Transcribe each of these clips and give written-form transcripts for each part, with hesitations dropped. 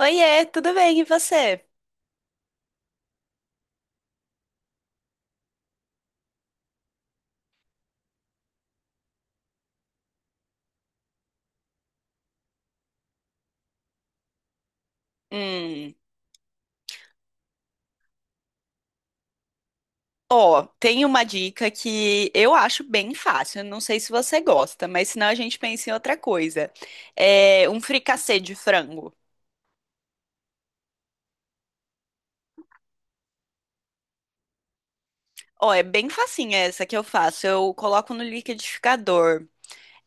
Oiê, tudo bem? E você? Hum, Ó, tem uma dica que eu acho bem fácil. Não sei se você gosta, mas senão a gente pensa em outra coisa. É um fricassê de frango. Ó, é bem facinha essa que eu faço. Eu coloco no liquidificador,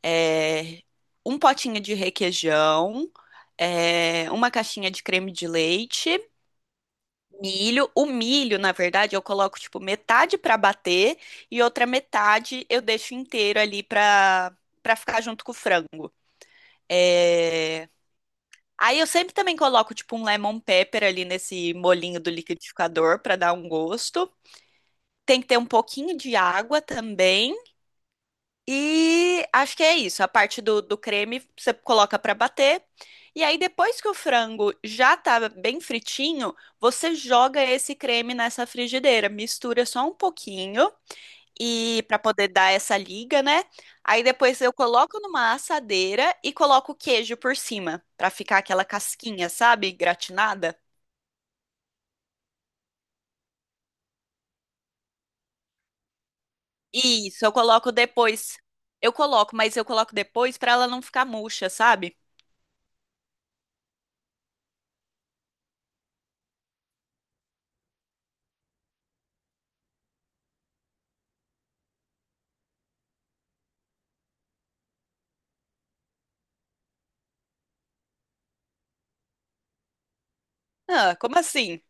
é, um potinho de requeijão, uma caixinha de creme de leite. Milho, o milho, na verdade, eu coloco tipo metade pra bater e outra metade eu deixo inteiro ali pra para ficar junto com o frango. É, Aí eu sempre também coloco tipo um lemon pepper ali nesse molinho do liquidificador pra dar um gosto. Tem que ter um pouquinho de água também. E acho que é isso. A parte do creme você coloca para bater. E aí, depois que o frango já tá bem fritinho, você joga esse creme nessa frigideira, mistura só um pouquinho e para poder dar essa liga, né? Aí depois eu coloco numa assadeira e coloco o queijo por cima, para ficar aquela casquinha, sabe? Gratinada. Isso, eu coloco depois. Eu coloco, mas eu coloco depois para ela não ficar murcha, sabe? Ah, como assim?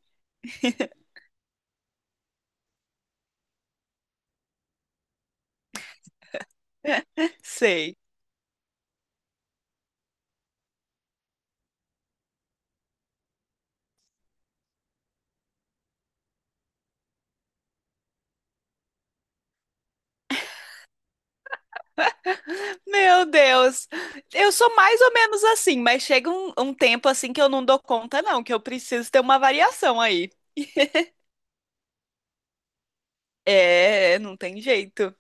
Sei. Meu Deus, eu sou mais ou menos assim, mas chega um tempo assim que eu não dou conta, não, que eu preciso ter uma variação aí. É, não tem jeito.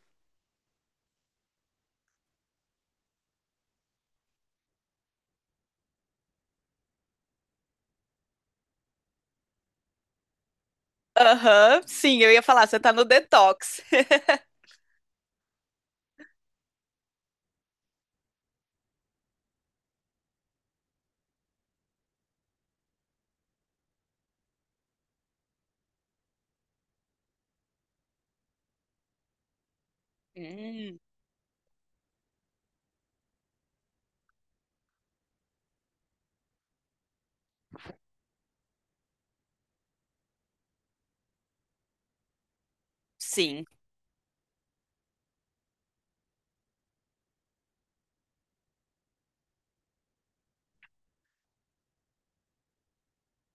Aham, sim, eu ia falar, você tá no detox. Hum, sim.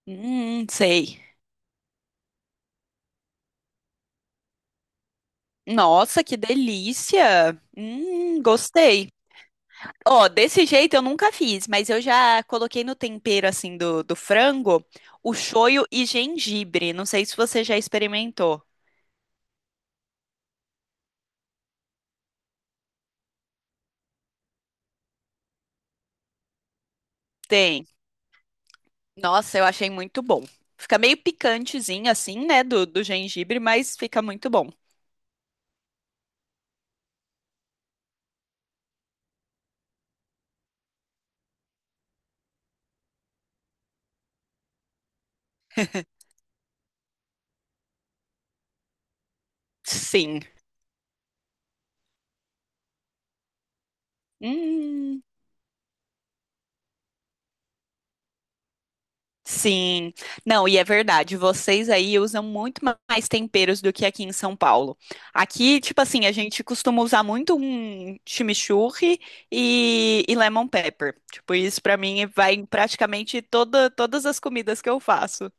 Sei. Nossa, que delícia! Gostei. Ó, desse jeito eu nunca fiz, mas eu já coloquei no tempero assim do frango o shoyu e gengibre. Não sei se você já experimentou. Tem. Nossa, eu achei muito bom. Fica meio picantezinho assim, né, do gengibre, mas fica muito bom. Sim. Hum, sim. Não, e é verdade, vocês aí usam muito mais temperos do que aqui em São Paulo. Aqui, tipo assim, a gente costuma usar muito um chimichurri e lemon pepper. Tipo, isso pra mim vai em praticamente todas as comidas que eu faço.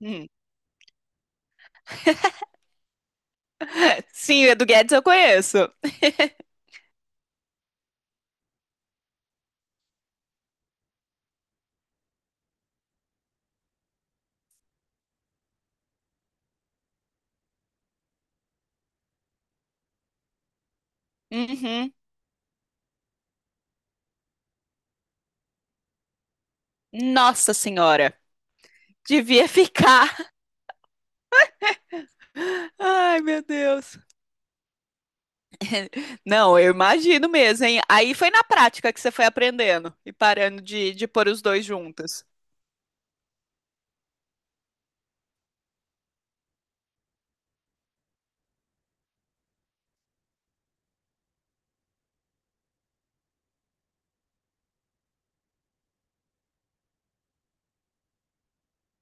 Hum. Sim, o Edu Guedes eu conheço. Uhum. Nossa Senhora. Devia ficar. Ai, meu Deus. Não, eu imagino mesmo, hein? Aí foi na prática que você foi aprendendo e parando de pôr os dois juntos.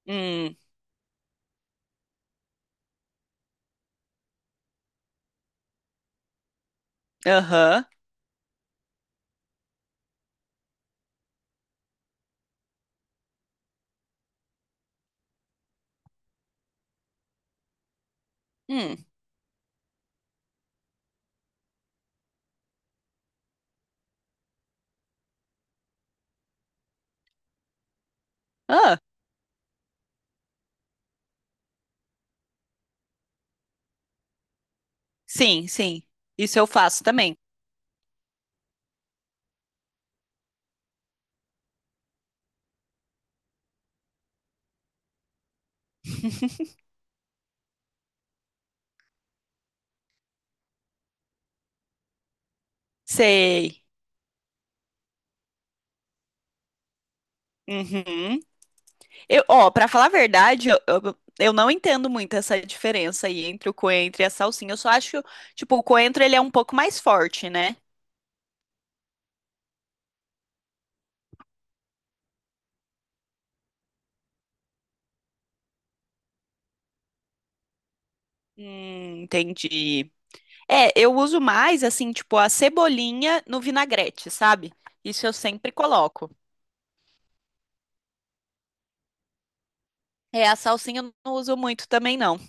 Hum, aham. Hum, ah, sim, sim. Isso eu faço também. Sei. Uhum. Ó, pra falar a verdade, eu não entendo muito essa diferença aí entre o coentro e a salsinha. Eu só acho, tipo, o coentro ele é um pouco mais forte, né? Entendi. É, eu uso mais assim, tipo, a cebolinha no vinagrete, sabe? Isso eu sempre coloco. É, a salsinha eu não uso muito também, não.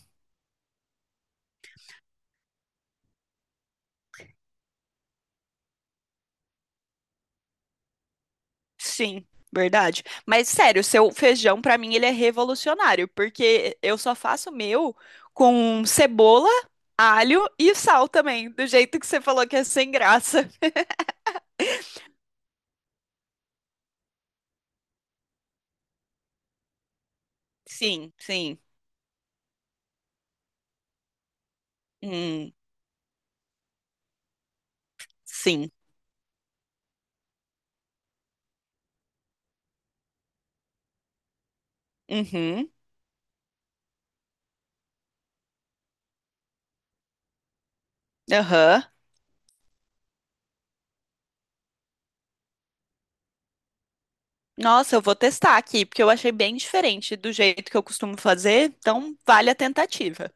Sim, verdade. Mas sério, seu feijão pra mim ele é revolucionário, porque eu só faço o meu com cebola, alho e sal também, do jeito que você falou que é sem graça. Sim, sim. Hum, sim. Uhum, aham. Nossa, eu vou testar aqui, porque eu achei bem diferente do jeito que eu costumo fazer, então vale a tentativa.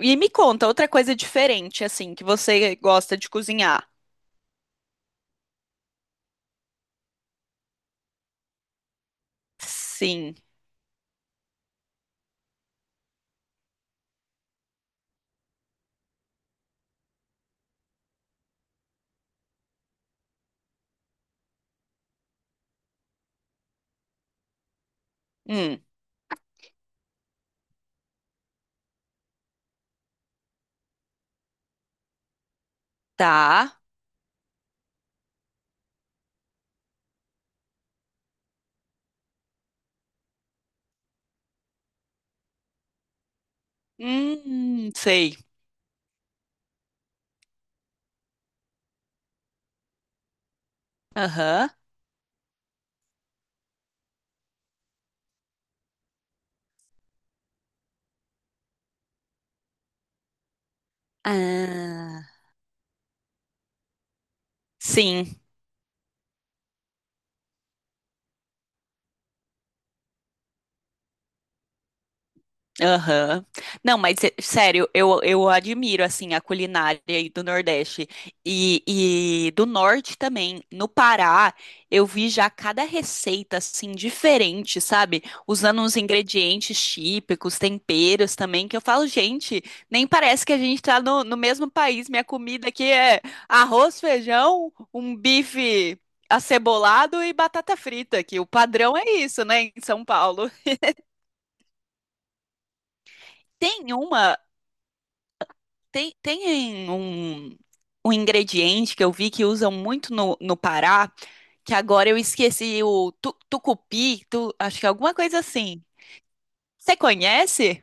E me conta outra coisa diferente, assim, que você gosta de cozinhar. Sim. Hum, tá. Sei. Aham. Ah, sim. Aham. Não, mas sério, eu admiro assim a culinária aí do Nordeste e, e do Norte também. No Pará, eu vi já cada receita assim diferente, sabe? Usando uns ingredientes típicos, temperos também, que eu falo, gente, nem parece que a gente tá no, no mesmo país. Minha comida aqui é arroz, feijão, um bife acebolado e batata frita aqui. O padrão é isso, né, em São Paulo. Tem uma. Tem, um ingrediente que eu vi que usam muito no Pará, que agora eu esqueci o tucupi, tu- acho que é alguma coisa assim. Você conhece?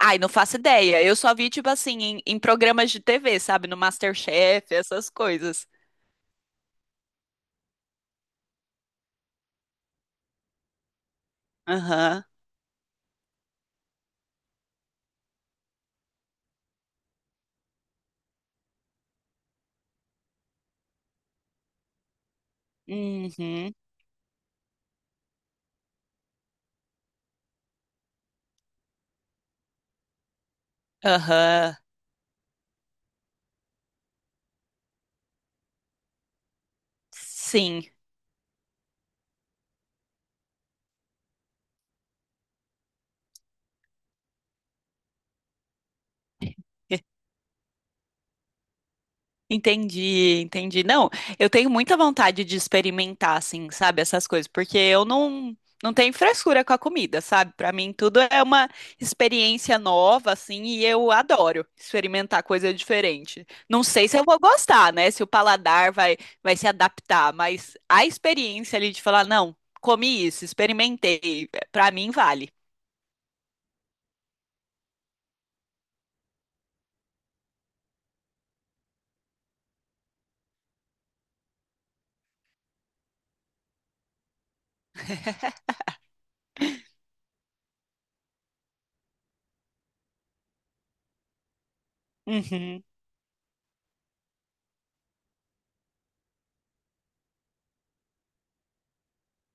Ai, não faço ideia. Eu só vi, tipo assim, em programas de TV, sabe? No MasterChef, essas coisas. Aham. Uhum. Aham. Sim. Entendi, entendi. Não, eu tenho muita vontade de experimentar, assim, sabe, essas coisas, porque eu não tenho frescura com a comida, sabe? Pra mim tudo é uma experiência nova, assim, e eu adoro experimentar coisa diferente. Não sei se eu vou gostar, né? Se o paladar vai se adaptar, mas a experiência ali de falar, não, comi isso, experimentei, pra mim vale. Uhum,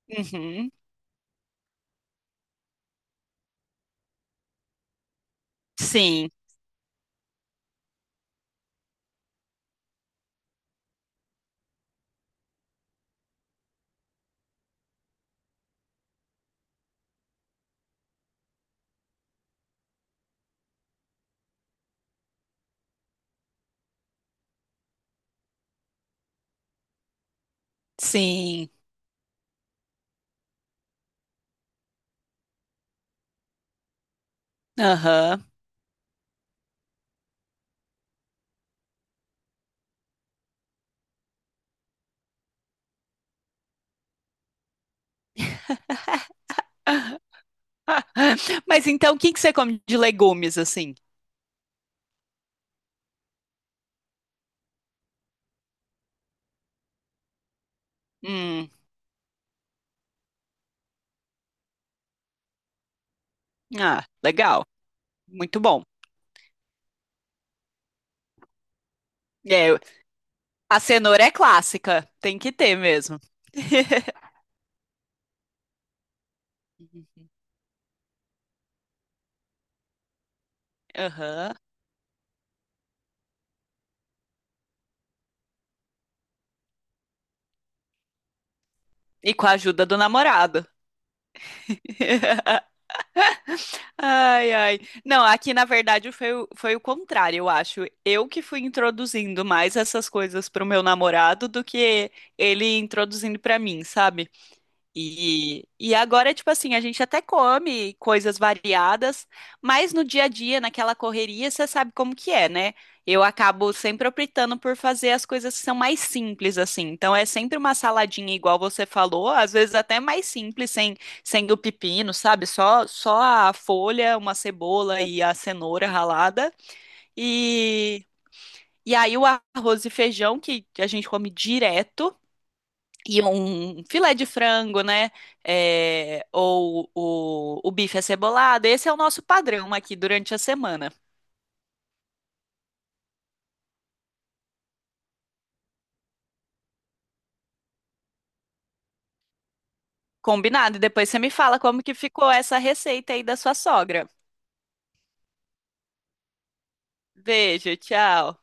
uhum. Sim, sim. Aham. Mas então, o que que você come de legumes assim? Hum, ah, legal, muito bom. É, eu- a cenoura é clássica, tem que ter mesmo. Aham. E com a ajuda do namorado. Ai, ai. Não, aqui na verdade foi, foi o contrário, eu acho. Eu que fui introduzindo mais essas coisas pro meu namorado do que ele introduzindo pra mim, sabe? E agora, tipo assim, a gente até come coisas variadas, mas no dia a dia, naquela correria, você sabe como que é, né? Eu acabo sempre optando por fazer as coisas que são mais simples, assim. Então é sempre uma saladinha, igual você falou, às vezes até mais simples, sem o pepino, sabe? Só a folha, uma cebola e a cenoura ralada. E, e aí o arroz e feijão, que a gente come direto. E um filé de frango, né? É, ou o bife acebolado. Esse é o nosso padrão aqui durante a semana. Combinado? E depois você me fala como que ficou essa receita aí da sua sogra. Beijo, tchau.